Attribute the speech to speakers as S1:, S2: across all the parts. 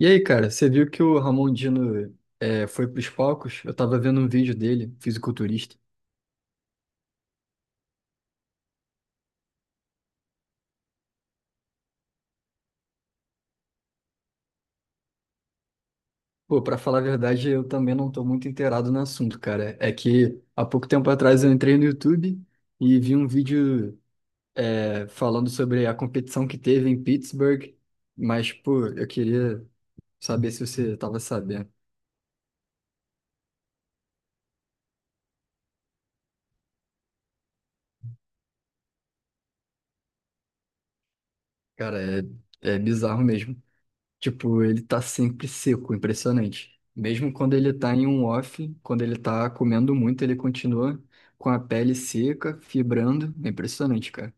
S1: E aí, cara, você viu que o Ramon Dino foi pros palcos? Eu tava vendo um vídeo dele, fisiculturista. Pô, pra falar a verdade, eu também não tô muito inteirado no assunto, cara. É que há pouco tempo atrás eu entrei no YouTube e vi um vídeo falando sobre a competição que teve em Pittsburgh, mas, pô, eu queria saber se você tava sabendo. Cara, é bizarro mesmo. Tipo, ele tá sempre seco, impressionante. Mesmo quando ele tá em um off, quando ele tá comendo muito, ele continua com a pele seca, fibrando. É impressionante, cara.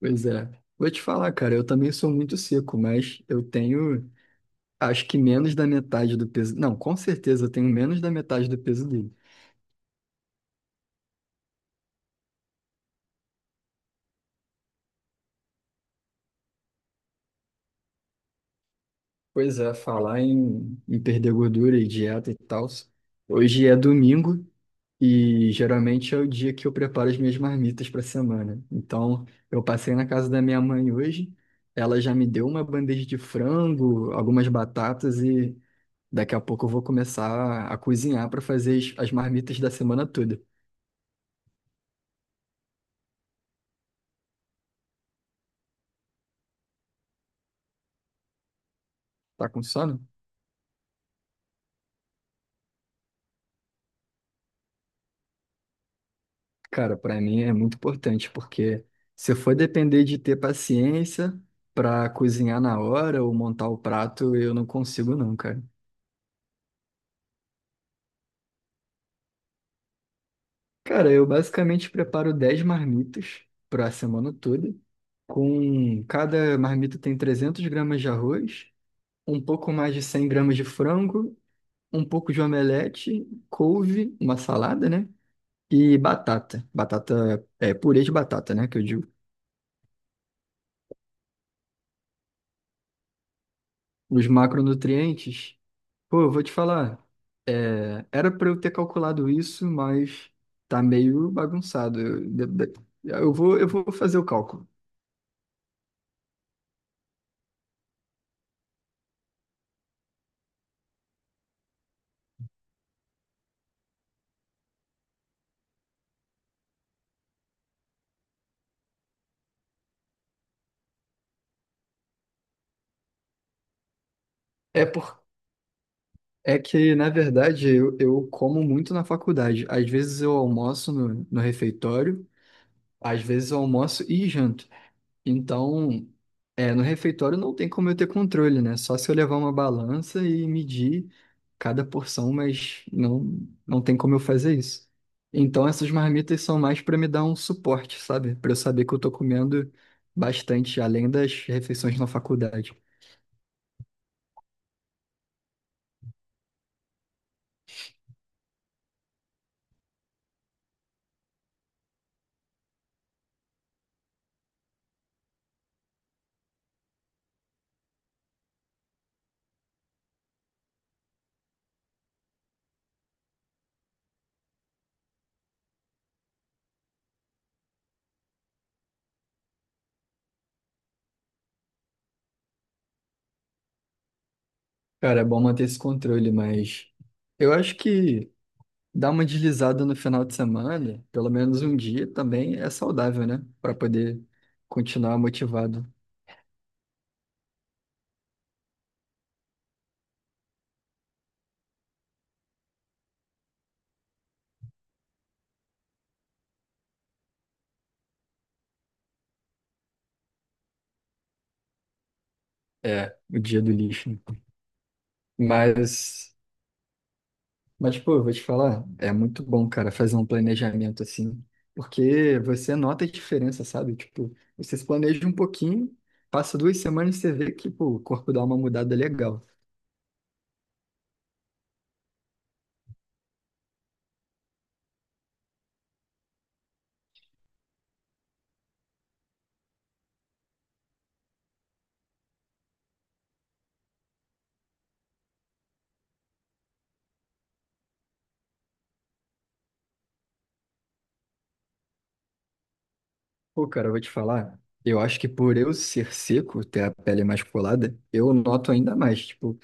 S1: Pois é. Vou te falar, cara, eu também sou muito seco, mas eu tenho, acho que menos da metade do peso. Não, com certeza eu tenho menos da metade do peso dele. Pois é, falar em perder gordura e dieta e tal. Hoje é domingo e geralmente é o dia que eu preparo as minhas marmitas para a semana. Então, eu passei na casa da minha mãe hoje, ela já me deu uma bandeja de frango, algumas batatas e daqui a pouco eu vou começar a cozinhar para fazer as marmitas da semana toda. Tá com sono? Cara, para mim é muito importante porque se for depender de ter paciência para cozinhar na hora ou montar o prato, eu não consigo não, cara. Cara, eu basicamente preparo 10 marmitas para a semana toda. Com cada marmita tem 300 gramas de arroz, um pouco mais de 100 gramas de frango, um pouco de omelete, couve, uma salada, né? E batata. Batata, é purê de batata, né? Que eu digo. Os macronutrientes, pô, eu vou te falar, era para eu ter calculado isso, mas tá meio bagunçado. Eu, de- eu vou fazer o cálculo. É por. É que, na verdade, eu como muito na faculdade. Às vezes eu almoço no refeitório, às vezes eu almoço e janto. Então, no refeitório não tem como eu ter controle, né? Só se eu levar uma balança e medir cada porção, mas não, não tem como eu fazer isso. Então, essas marmitas são mais para me dar um suporte, sabe? Para eu saber que eu tô comendo bastante, além das refeições na faculdade. Cara, é bom manter esse controle, mas eu acho que dar uma deslizada no final de semana, pelo menos um dia também é saudável, né? Para poder continuar motivado. É, o dia do lixo. Mas, mas pô, eu vou te falar, é muito bom, cara, fazer um planejamento assim, porque você nota a diferença, sabe? Tipo, você se planeja um pouquinho, passa 2 semanas e você vê que, pô, o corpo dá uma mudada legal. Pô, cara, eu vou te falar, eu acho que por eu ser seco, ter a pele mais colada, eu noto ainda mais, tipo,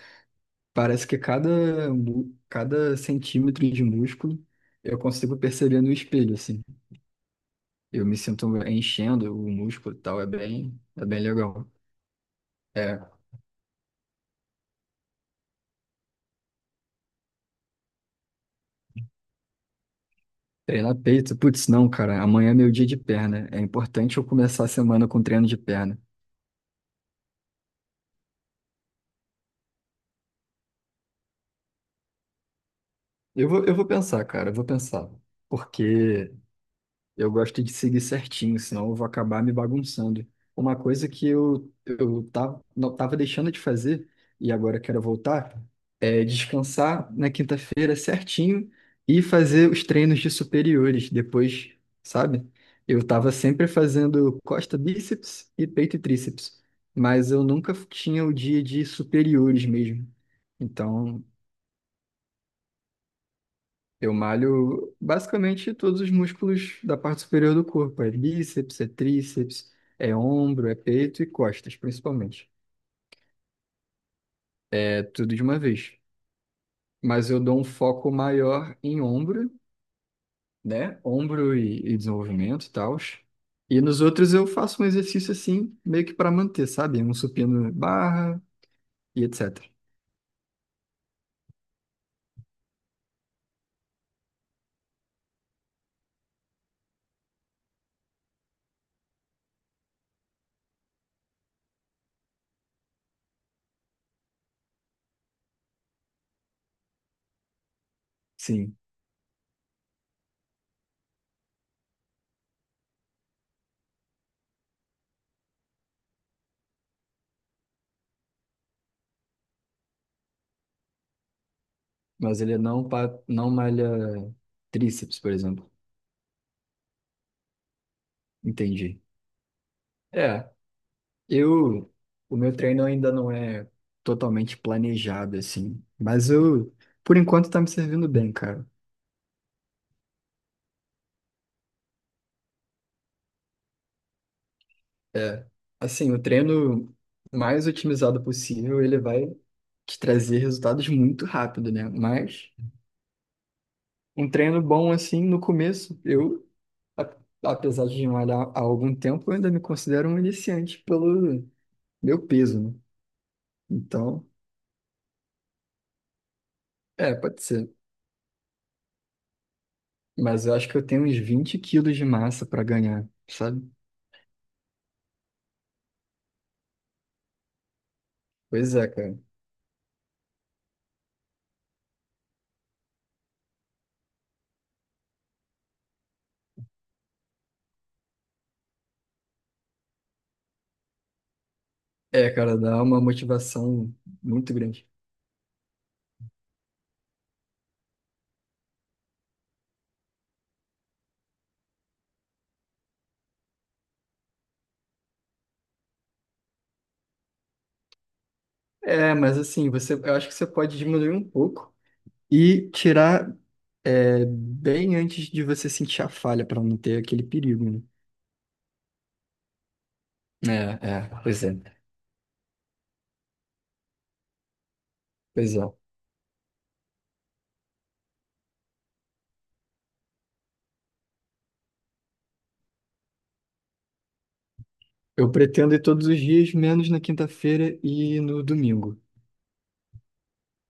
S1: parece que cada centímetro de músculo eu consigo perceber no espelho, assim. Eu me sinto enchendo o músculo e tal, é bem legal. É, treinar peito, putz, não, cara, amanhã é meu dia de perna. É importante eu começar a semana com treino de perna. Eu vou pensar, cara, eu vou pensar. Porque eu gosto de seguir certinho, senão eu vou acabar me bagunçando. Uma coisa que eu tava, não, tava deixando de fazer e agora quero voltar é descansar na quinta-feira certinho e fazer os treinos de superiores depois, sabe? Eu tava sempre fazendo costa, bíceps e peito e tríceps, mas eu nunca tinha o dia de superiores mesmo. Então, eu malho basicamente todos os músculos da parte superior do corpo. É bíceps, é tríceps, é ombro, é peito e costas, principalmente. É tudo de uma vez. Mas eu dou um foco maior em ombro, né? Ombro e desenvolvimento e tal. E nos outros eu faço um exercício assim, meio que para manter, sabe? Um supino barra e etc. Sim, mas ele não malha tríceps, por exemplo. Entendi. É, Eu, o meu treino ainda não é totalmente planejado, assim, mas eu, por enquanto, tá me servindo bem, cara. É, assim, o treino mais otimizado possível, ele vai te trazer resultados muito rápido, né? Mas um treino bom, assim, no começo, a- apesar de malhar há algum tempo, eu ainda me considero um iniciante pelo meu peso, né? Então, pode ser. Mas eu acho que eu tenho uns 20 quilos de massa para ganhar, sabe? Pois é, cara. É, cara, dá uma motivação muito grande. É, mas assim, eu acho que você pode diminuir um pouco e tirar bem antes de você sentir a falha, para não ter aquele perigo, né? É, é, pois é, pois é. Eu pretendo ir todos os dias, menos na quinta-feira e no domingo.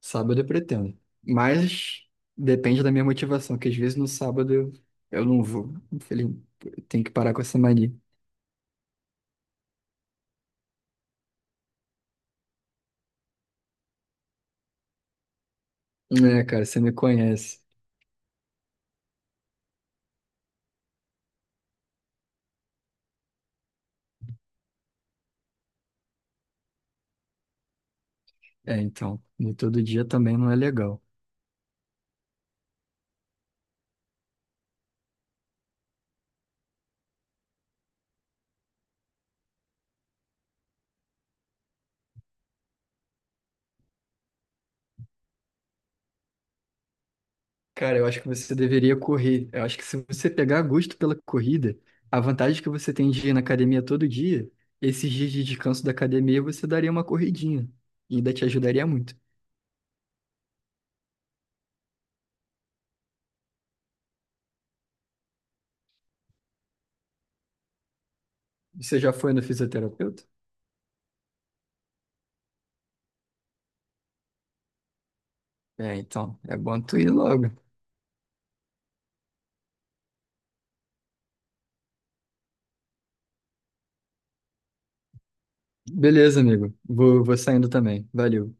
S1: Sábado eu pretendo. Mas depende da minha motivação, que às vezes no sábado eu não vou. Infelizmente, eu tenho que parar com essa mania. É, cara, você me conhece. É, então, e todo dia também não é legal. Cara, eu acho que você deveria correr. Eu acho que se você pegar gosto pela corrida, a vantagem que você tem de ir na academia todo dia, esses dias de descanso da academia, você daria uma corridinha. E ainda te ajudaria muito. Você já foi no fisioterapeuta? É, então, é bom tu ir logo. Beleza, amigo. Vou saindo também. Valeu.